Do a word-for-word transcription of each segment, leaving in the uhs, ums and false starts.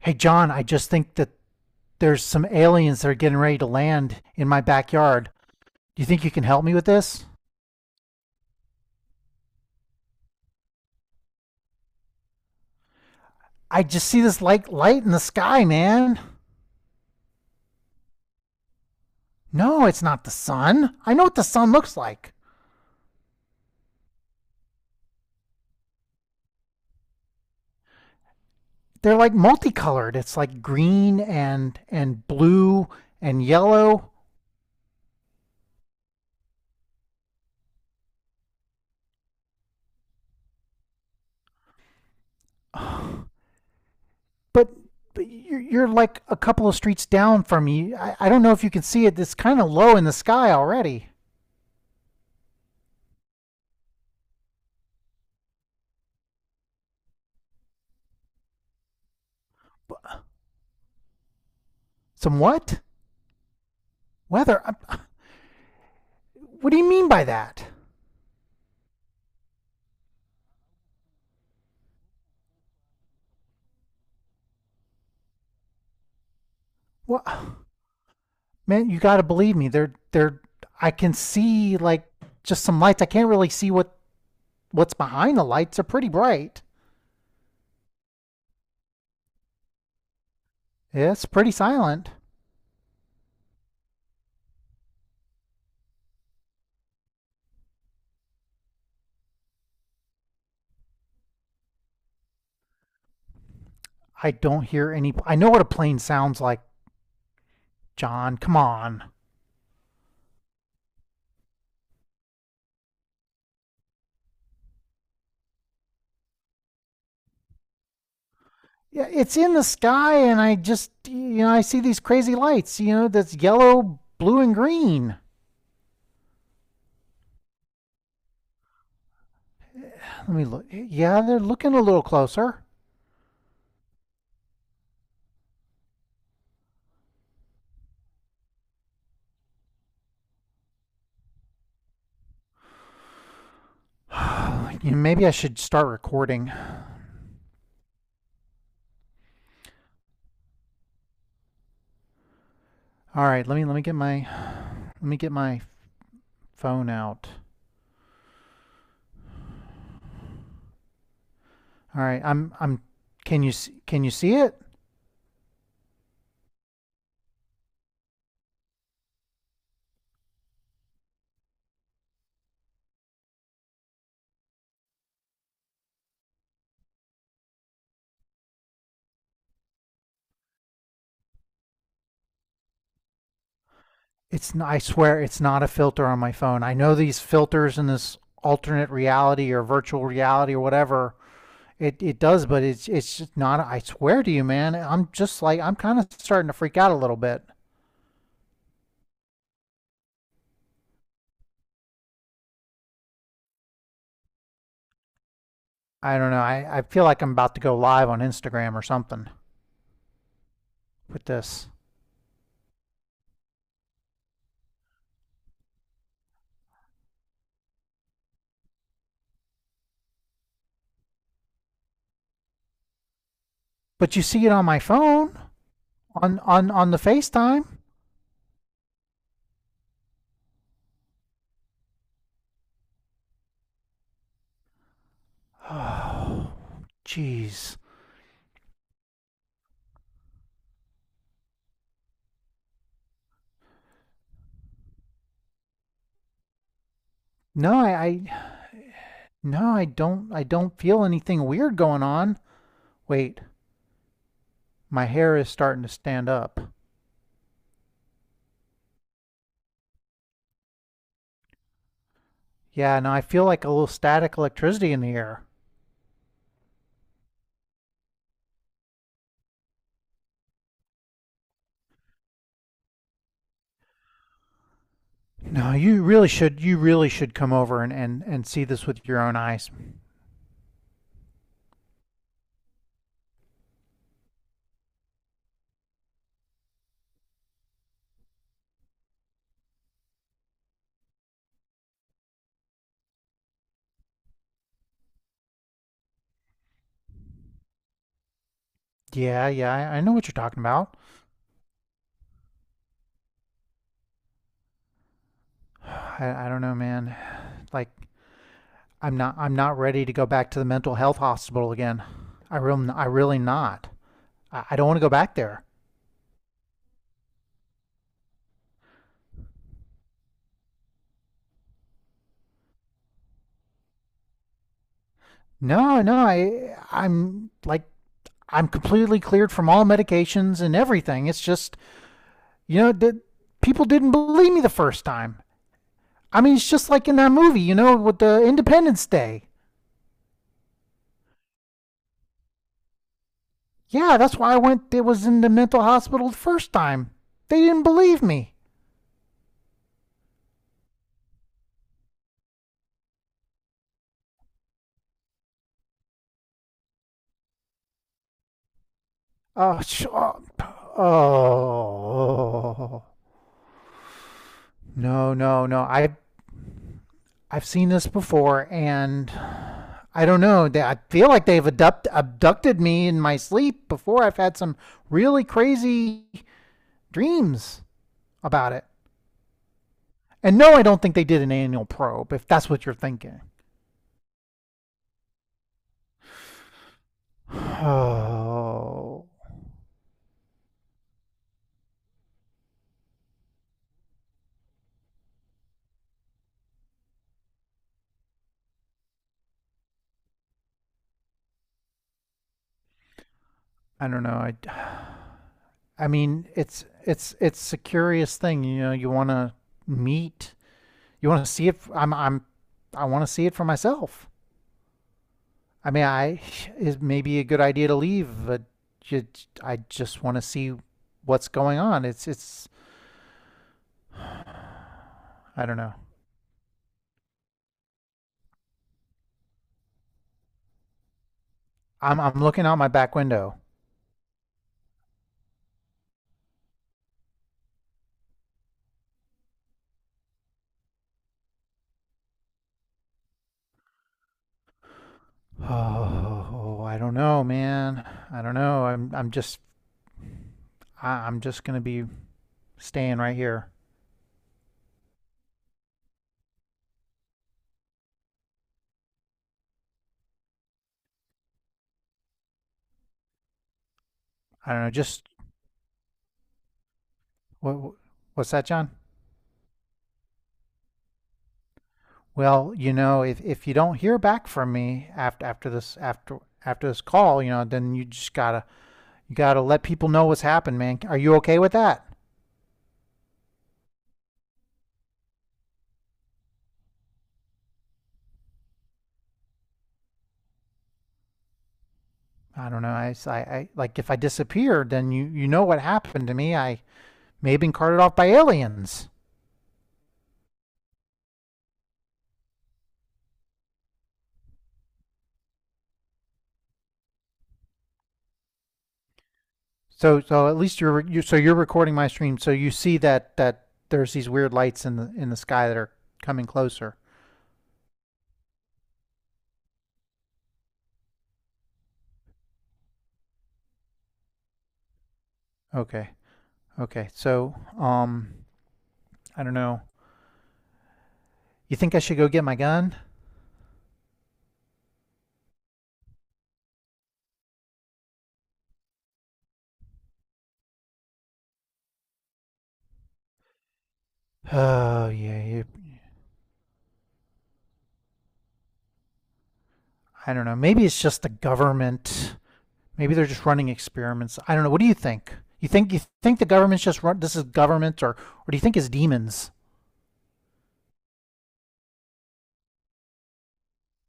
Hey, John, I just think that there's some aliens that are getting ready to land in my backyard. Do you think you can help me with this? I just see this like light in the sky, man. No, it's not the sun. I know what the sun looks like. They're like multicolored. It's like green and and blue and yellow. But, but you're, you're like a couple of streets down from me. I, I don't know if you can see it. It's kind of low in the sky already. Some what? Weather? What do you mean by that? What? Man, you got to believe me. They're they're I can see like just some lights. I can't really see what what's behind the lights. They're pretty bright. Yeah, it's pretty silent. I don't hear any I know what a plane sounds like, John. Come on. Yeah, it's in the sky and I just you know, I see these crazy lights, you know, that's yellow, blue and green. Let me look. Yeah, they're looking a little closer. You know, maybe I should start recording. All right, let me let me get my let me get my phone out. All right, I'm I'm can you s- can you see it? It's not, I swear it's not a filter on my phone. I know these filters in this alternate reality or virtual reality or whatever it, it does, but it's it's just not. I swear to you, man. I'm just like I'm kind of starting to freak out a little bit. I don't know. I, I feel like I'm about to go live on Instagram or something with this. But you see it on my phone on on on the FaceTime. Oh, jeez. No, I, I No, I don't I don't feel anything weird going on. Wait, my hair is starting to stand up. Yeah, no, I feel like a little static electricity in the air. No, you really should you really should come over and and, and see this with your own eyes. Yeah, yeah, I, I know what you're talking about. I, I don't know, man. Like I'm not I'm not ready to go back to the mental health hospital again. I really I really not. I, I don't want to go back there. No, no, I I'm like I'm completely cleared from all medications and everything. It's just, you know, the, people didn't believe me the first time. I mean, it's just like in that movie, you know, with the Independence Day. Yeah, that's why I went. It was in the mental hospital the first time. They didn't believe me. Oh, oh, oh. No, no, no. I I've seen this before, and I don't know. They, I feel like they've abduct, abducted me in my sleep before. I've had some really crazy dreams. About it. And no, I don't think they did an annual probe, if that's what you're thinking. Oh, I don't know. I, I mean, it's it's it's a curious thing. You know, you want to meet, you want to see it. I'm I'm I want to see it for myself. I mean, I it may be a good idea to leave, but you, I just want to see what's going on. It's it's I don't know. I'm I'm looking out my back window. Oh, I don't know, man. I don't know. I'm I'm just I, I'm just going to be staying right here. I don't know. Just what, what's that, John? Well, you know, if, if you don't hear back from me after after this after after this call, you know, then you just gotta you gotta let people know what's happened, man. Are you okay with that? I don't know. I, I, I like if I disappeared, then you you know what happened to me. I may have been carted off by aliens. So so at least you're you so you're recording my stream, so you see that that there's these weird lights in the in the sky that are coming closer. Okay. Okay, so um, I don't know. You think I should go get my gun? Oh yeah, you, I don't know. Maybe it's just the government. Maybe they're just running experiments. I don't know. What do you think? You think you think the government's just run? This is government, or or do you think it's demons?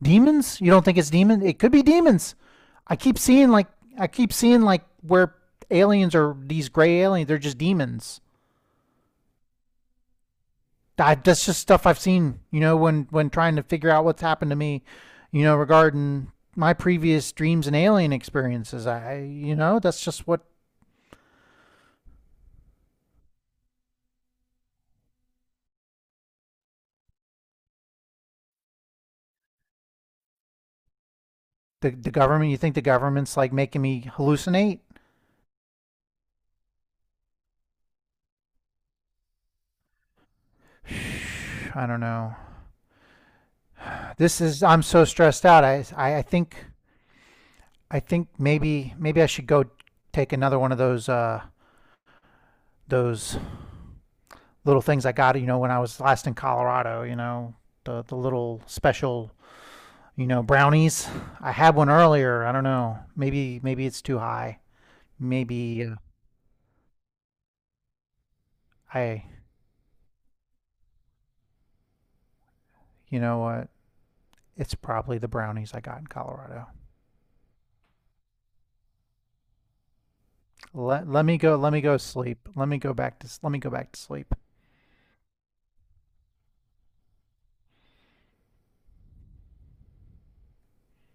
Demons? You don't think it's demon? It could be demons. I keep seeing like I keep seeing like where aliens are these gray aliens. They're just demons. I, that's just stuff I've seen, you know, when when trying to figure out what's happened to me, you know, regarding my previous dreams and alien experiences. I, you know, that's just what the the government. You think the government's like making me hallucinate? I don't know. This is I'm so stressed out. I I, I think I think maybe maybe I should go take another one of those uh those little things I got, you know, when I was last in Colorado, you know, the the little special you know, brownies. I had one earlier. I don't know. Maybe maybe it's too high. Maybe uh, I, you know what? It's probably the brownies I got in Colorado. Let let me go. Let me go sleep. Let me go back to let me go back to sleep.